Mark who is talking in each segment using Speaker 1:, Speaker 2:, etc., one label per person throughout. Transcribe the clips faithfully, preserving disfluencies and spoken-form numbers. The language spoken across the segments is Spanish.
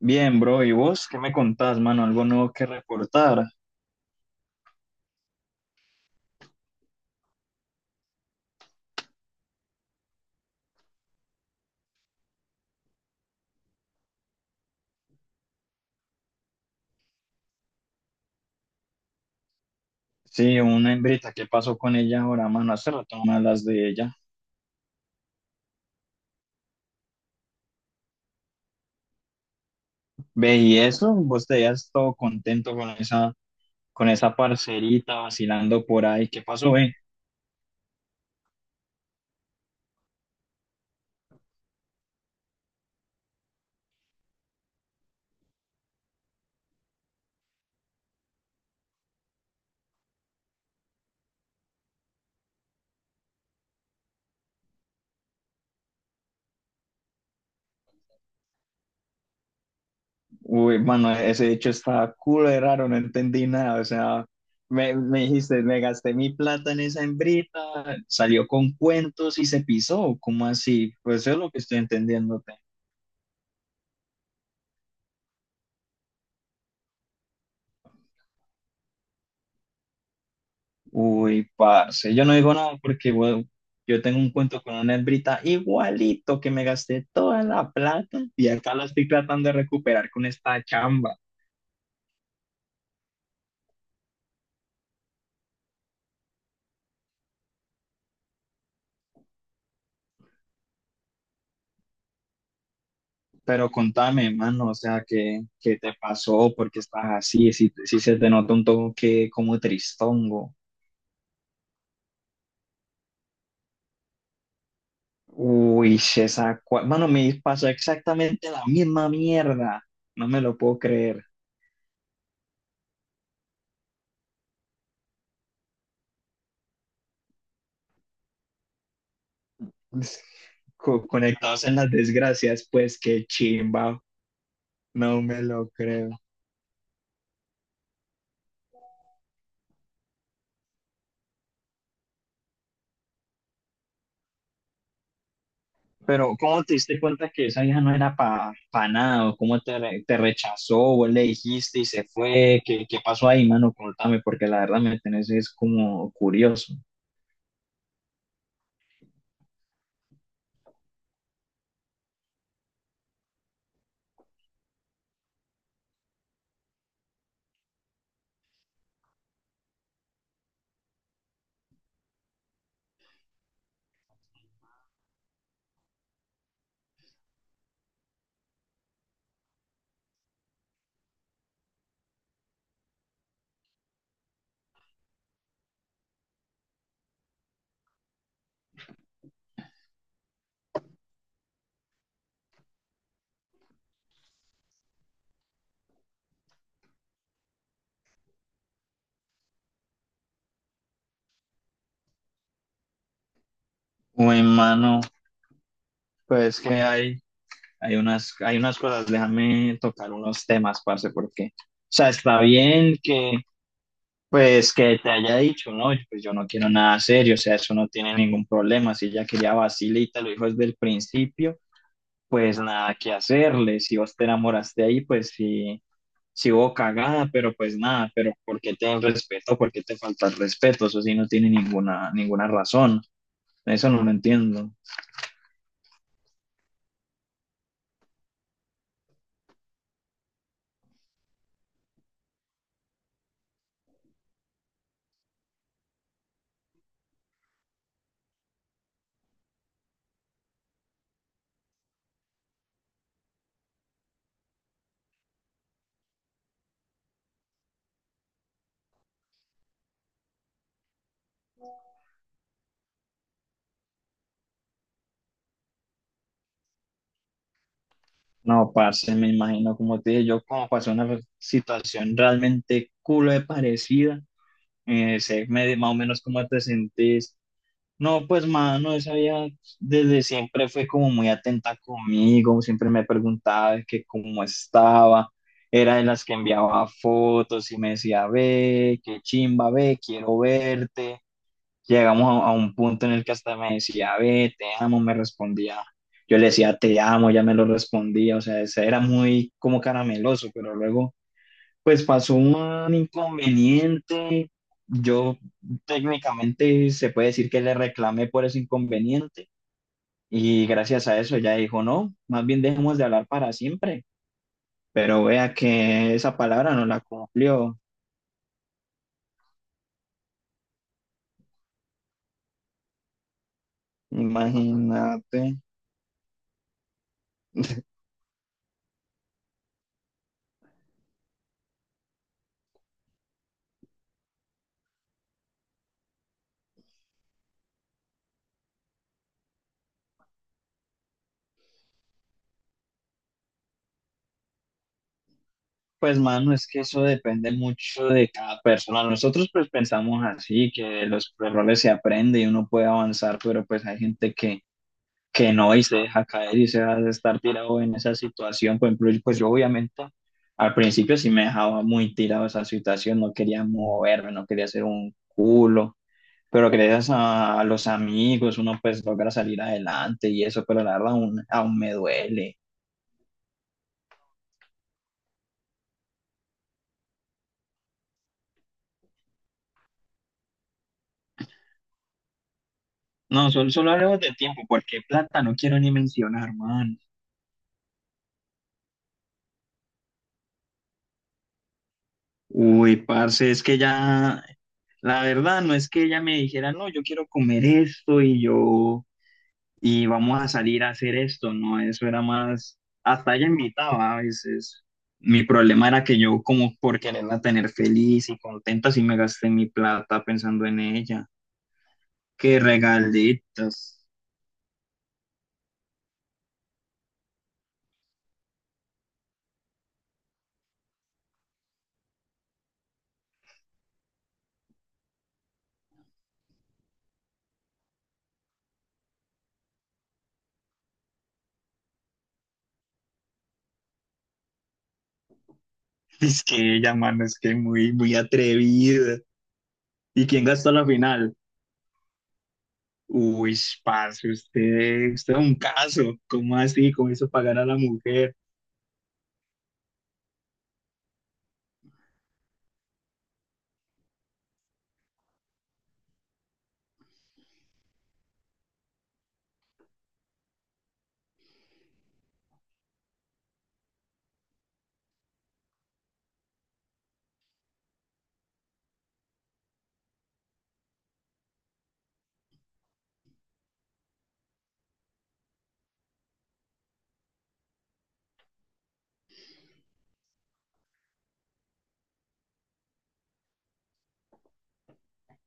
Speaker 1: Bien, bro, ¿y vos qué me contás, mano? ¿Algo nuevo que reportar? Sí, una hembrita, ¿qué pasó con ella ahora, mano? Hace rato no hablas de ella. Ve, y eso, vos te veías todo contento con esa, con esa parcerita vacilando por ahí. ¿Qué pasó, eh? Uy, mano, ese hecho está cool, de raro, no entendí nada. O sea, me, me dijiste, me gasté mi plata en esa hembrita, salió con cuentos y se pisó. ¿Cómo así? Pues eso es lo que estoy entendiendo. Uy, parce, yo no digo nada porque bueno, yo tengo un cuento con una hembrita igualito que me gasté toda la plata y acá la estoy tratando de recuperar con esta chamba. Pero contame, mano, o sea, ¿qué, qué te pasó? ¿Por qué estás así? Si, si se te nota un toque como tristongo. Uy, esa, cua- mano, me pasó exactamente la misma mierda. No me lo puedo creer. Co- conectados en las desgracias, pues qué chimba, no me lo creo. Pero ¿cómo te diste cuenta que esa vieja no era para pa nada? ¿O ¿cómo te, re- te rechazó? ¿Vos le dijiste y se fue? ¿Qué, qué pasó ahí, mano? Contame, porque la verdad me tenés es como curioso. Uy, mano, pues que hay, hay unas, hay unas cosas, déjame tocar unos temas, parce, porque, o sea, está bien que, pues, que te haya dicho, no, pues yo no quiero nada serio, o sea, eso no tiene ningún problema, si ella quería vacilita, lo dijo desde el principio, pues nada que hacerle. Si vos te enamoraste ahí, pues sí, sí hubo cagada, pero pues nada, pero ¿por qué te dan respeto? ¿Por qué te falta el respeto? Eso sí no tiene ninguna, ninguna razón. Eso no lo entiendo. No, parce, me imagino, como te dije, yo como pasó una situación realmente culo de parecida, eh, sé me- más o menos cómo te sentís. No, pues mano, esa vieja desde siempre fue como muy atenta conmigo, siempre me preguntaba de que cómo estaba, era de las que enviaba fotos y me decía, ve, qué chimba, ve, quiero verte. Llegamos a, a un punto en el que hasta me decía, ve, te amo, me respondía. Yo le decía, te amo, ya me lo respondía, o sea, ese era muy como carameloso, pero luego pues pasó un inconveniente. Yo técnicamente se puede decir que le reclamé por ese inconveniente y gracias a eso ella dijo, no, más bien dejemos de hablar para siempre. Pero vea que esa palabra no la cumplió. Imagínate. Pues mano, es que eso depende mucho de cada persona. Nosotros pues pensamos así, que de los errores se aprende y uno puede avanzar, pero pues hay gente que que no y se deja caer y se hace estar tirado en esa situación. Por ejemplo, pues yo obviamente al principio sí me dejaba muy tirado esa situación, no quería moverme, no quería hacer un culo, pero gracias a, a los amigos uno pues logra salir adelante y eso, pero la verdad aún, aún me duele. No, solo, solo hablemos de tiempo, porque plata no quiero ni mencionar, man. Uy, parce, es que ya, la verdad no es que ella me dijera, no, yo quiero comer esto y yo y vamos a salir a hacer esto, ¿no? Eso era más, hasta ella invitaba a veces. Mi problema era que yo como por quererla tener feliz y contenta, sí me gasté mi plata pensando en ella. Qué regalitos. Es que ella, mano, es que muy, muy atrevida. ¿Y quién gastó la final? Uy, parce, usted, usted es un caso. ¿Cómo así? ¿Cómo hizo pagar a la mujer?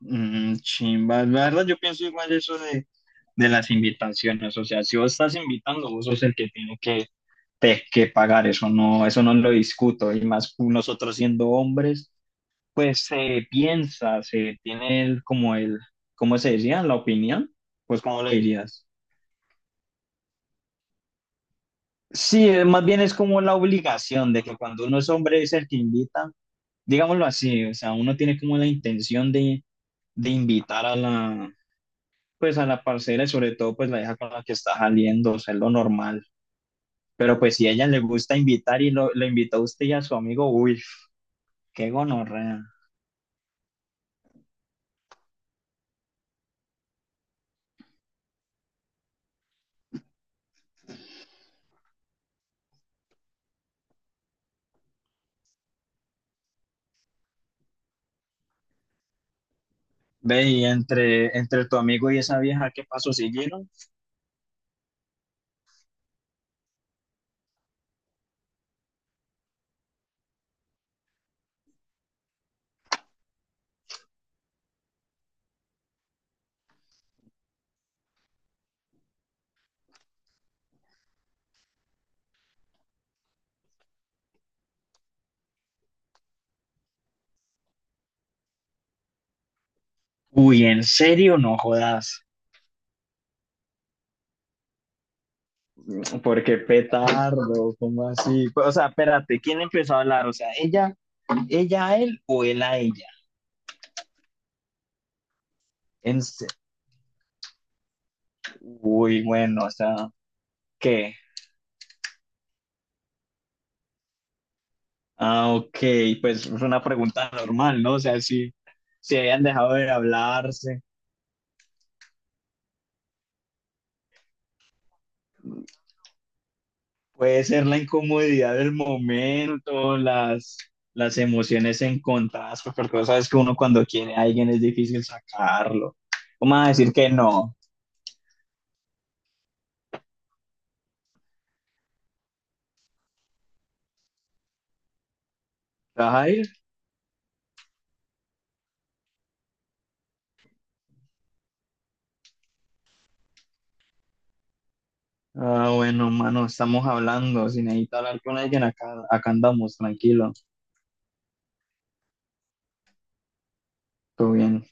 Speaker 1: Mm, chimba, la verdad yo pienso igual eso de, de las invitaciones, o sea, si vos estás invitando, vos sos el que tiene que, te- que pagar, eso no, eso no lo discuto, y más nosotros siendo hombres, pues se piensa, se tiene el, como el, ¿cómo se decía? La opinión, pues ¿cómo lo dirías? Sí, eh, más bien es como la obligación de que cuando uno es hombre es el que invita, digámoslo así, o sea, uno tiene como la intención de, de invitar a la, pues a la parcera, y sobre todo pues la hija con la que está saliendo, o sea, es lo normal. Pero pues si a ella le gusta invitar y lo, le invitó a usted y a su amigo, uy, qué gonorrea. Ve, y entre, entre tu amigo y esa vieja, ¿qué paso siguieron? Uy, ¿en serio? No jodas. Porque petardo, ¿cómo así? Pues, o sea, espérate, ¿quién empezó a hablar? O sea, ¿ella, ella a él o él a ella? En se- Uy, bueno, o sea, ¿qué? Ah, ok, pues es una pregunta normal, ¿no? O sea, si, si habían dejado de hablarse, puede ser la incomodidad del momento, las, las emociones encontradas, pues, porque vos sabes que uno cuando quiere a alguien es difícil sacarlo. ¿Cómo vas a decir que no? ¿Te vas a ir? Ah, bueno, mano, estamos hablando. Si necesitas hablar con alguien, acá, acá andamos, tranquilo, todo bien.